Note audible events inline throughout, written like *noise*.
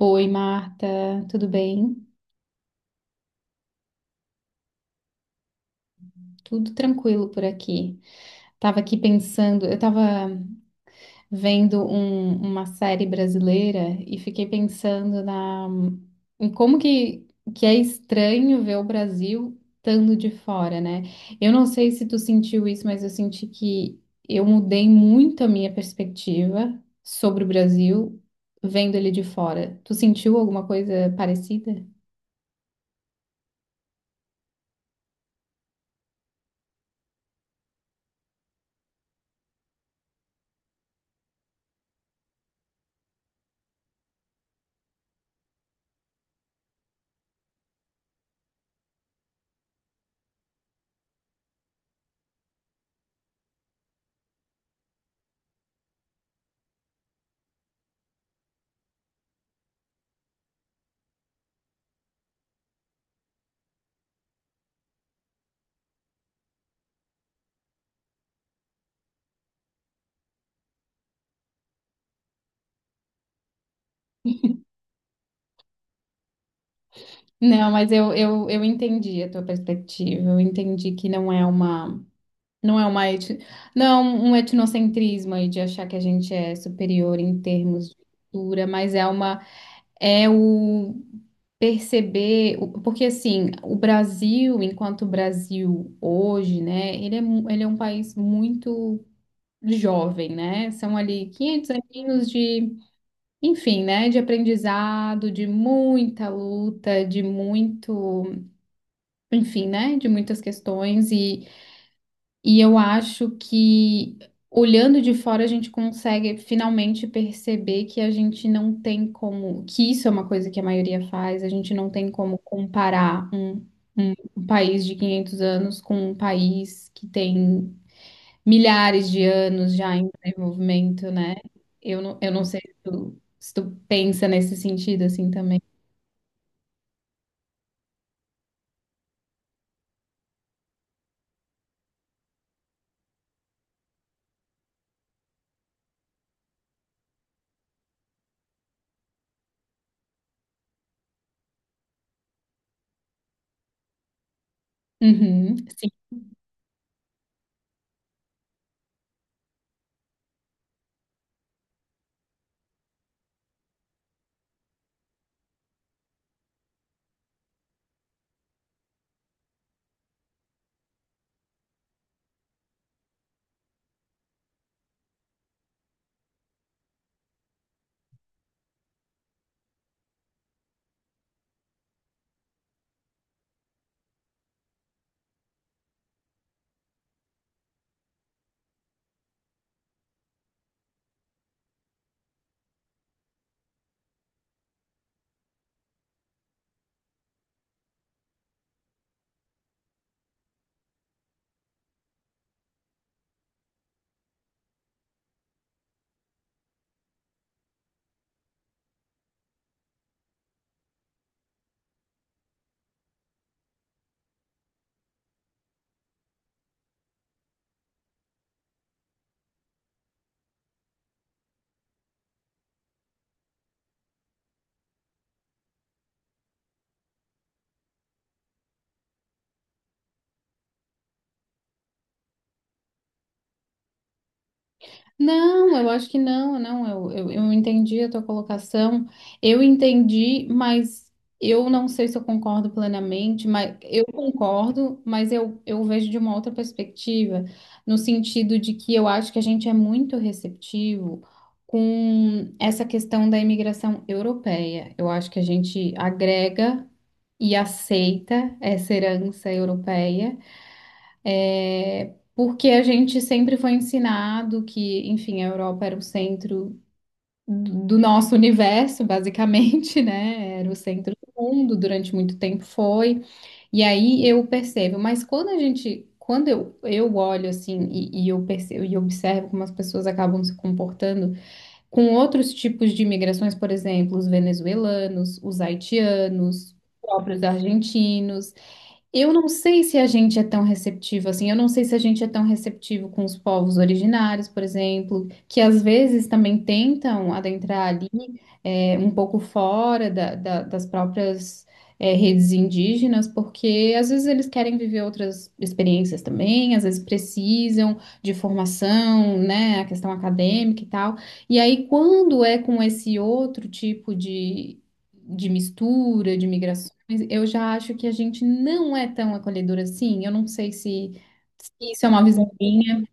Oi, Marta, tudo bem? Tudo tranquilo por aqui. Tava aqui pensando, eu tava vendo uma série brasileira e fiquei pensando em como que é estranho ver o Brasil estando de fora, né? Eu não sei se tu sentiu isso, mas eu senti que eu mudei muito a minha perspectiva sobre o Brasil vendo ele de fora. Tu sentiu alguma coisa parecida? Não, mas eu entendi a tua perspectiva. Eu entendi que não é não é uma, não é um etnocentrismo aí de achar que a gente é superior em termos de cultura, mas é uma, é o perceber, porque assim, o Brasil, enquanto Brasil hoje, né, ele é, ele é um país muito jovem, né? São ali 500 aninhos de, enfim, né, de aprendizado, de muita luta, de muito enfim, né, de muitas questões e eu acho que olhando de fora a gente consegue finalmente perceber que a gente não tem como, que isso é uma coisa que a maioria faz, a gente não tem como comparar um país de 500 anos com um país que tem milhares de anos já em desenvolvimento, né? Eu não sei se tu pensa nesse sentido assim também. Uhum, sim. Não, eu acho que não, não, eu entendi a tua colocação, eu entendi, mas eu não sei se eu concordo plenamente, mas eu concordo, eu vejo de uma outra perspectiva, no sentido de que eu acho que a gente é muito receptivo com essa questão da imigração europeia. Eu acho que a gente agrega e aceita essa herança europeia porque a gente sempre foi ensinado que, enfim, a Europa era o centro do nosso universo, basicamente, *laughs* né? Era o centro do mundo, durante muito tempo foi. E aí eu percebo, mas quando a gente, eu olho assim e eu percebo e observo como as pessoas acabam se comportando com outros tipos de imigrações, por exemplo, os venezuelanos, os haitianos, os próprios argentinos. Eu não sei se a gente é tão receptivo assim, eu não sei se a gente é tão receptivo com os povos originários, por exemplo, que às vezes também tentam adentrar ali um pouco fora das próprias redes indígenas, porque às vezes eles querem viver outras experiências também, às vezes precisam de formação, né, a questão acadêmica e tal. E aí, quando é com esse outro tipo de mistura, de migrações, eu já acho que a gente não é tão acolhedor assim. Eu não sei se, se isso é uma visão minha.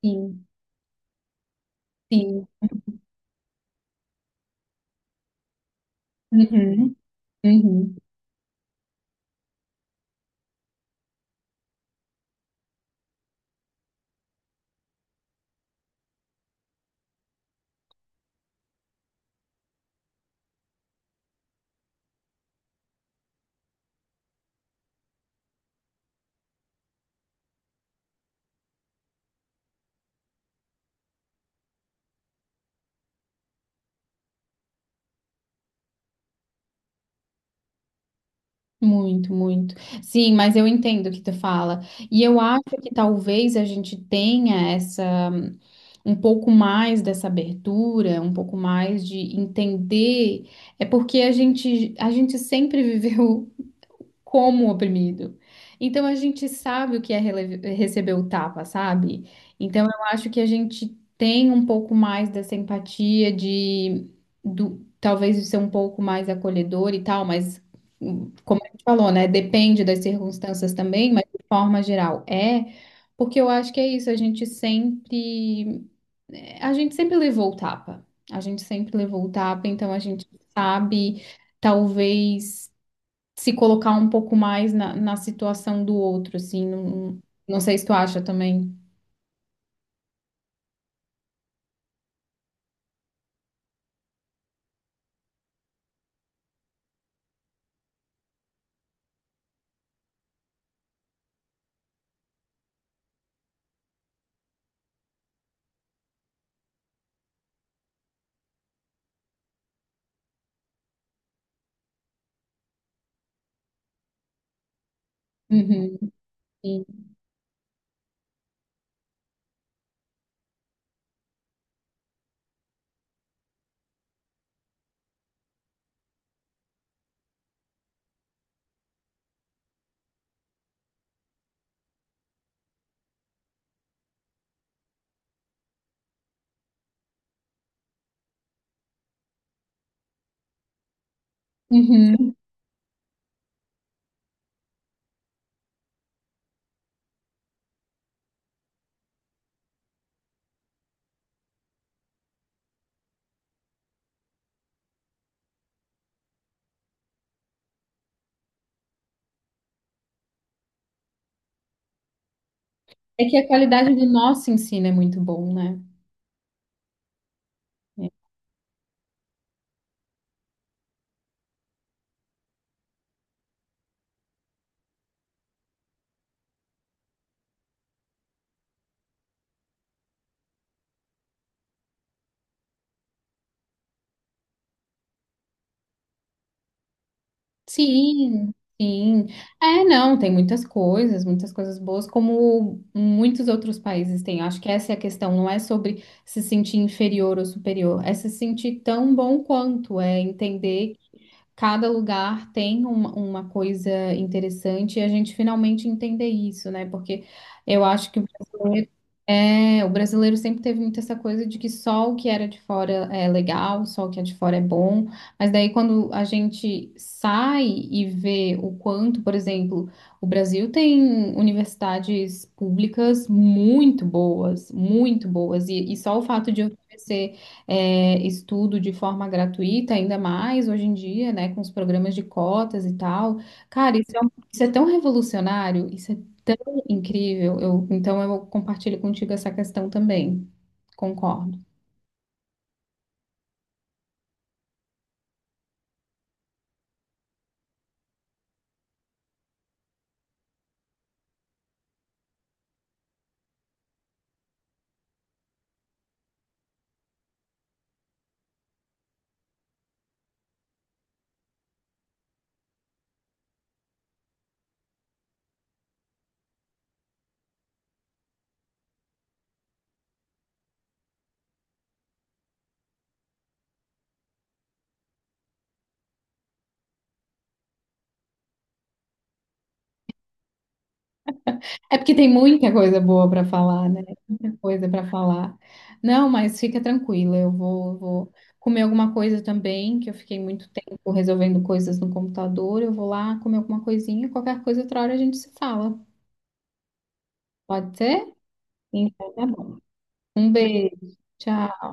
Sim, sim. Uhum, uhum. Muito, muito. Sim, mas eu entendo o que tu fala. E eu acho que talvez a gente tenha essa um pouco mais dessa abertura, um pouco mais de entender. É porque a gente sempre *laughs* viveu como oprimido. Então a gente sabe o que é receber o tapa, sabe? Então eu acho que a gente tem um pouco mais dessa empatia talvez de ser um pouco mais acolhedor e tal, mas como a gente falou, né? Depende das circunstâncias também, mas de forma geral é, porque eu acho que é isso, a gente sempre levou o tapa. A gente sempre levou o tapa, então a gente sabe, talvez se colocar um pouco mais na situação do outro, assim, não, não sei se tu acha também. Uhum, sim. Uhum. É que a qualidade do nosso ensino é muito bom, né? É. Sim, sim. É, não, tem muitas coisas boas, como muitos outros países têm. Acho que essa é a questão, não é sobre se sentir inferior ou superior, é se sentir tão bom quanto, é entender cada lugar tem uma coisa interessante e a gente finalmente entender isso, né? Porque eu acho que o brasileiro, é, o brasileiro sempre teve muito essa coisa de que só o que era de fora é legal, só o que é de fora é bom. Mas daí quando a gente sai e vê o quanto, por exemplo, o Brasil tem universidades públicas muito boas, e só o fato de oferecer estudo de forma gratuita, ainda mais hoje em dia, né, com os programas de cotas e tal. Cara, isso é tão revolucionário, isso é tão incrível. Eu, então eu compartilho contigo essa questão também. Concordo. É porque tem muita coisa boa para falar, né? Muita coisa para falar. Não, mas fica tranquila, vou comer alguma coisa também, que eu fiquei muito tempo resolvendo coisas no computador. Eu vou lá comer alguma coisinha, qualquer coisa outra hora a gente se fala. Pode ser? Então tá bom. Um beijo. Tchau.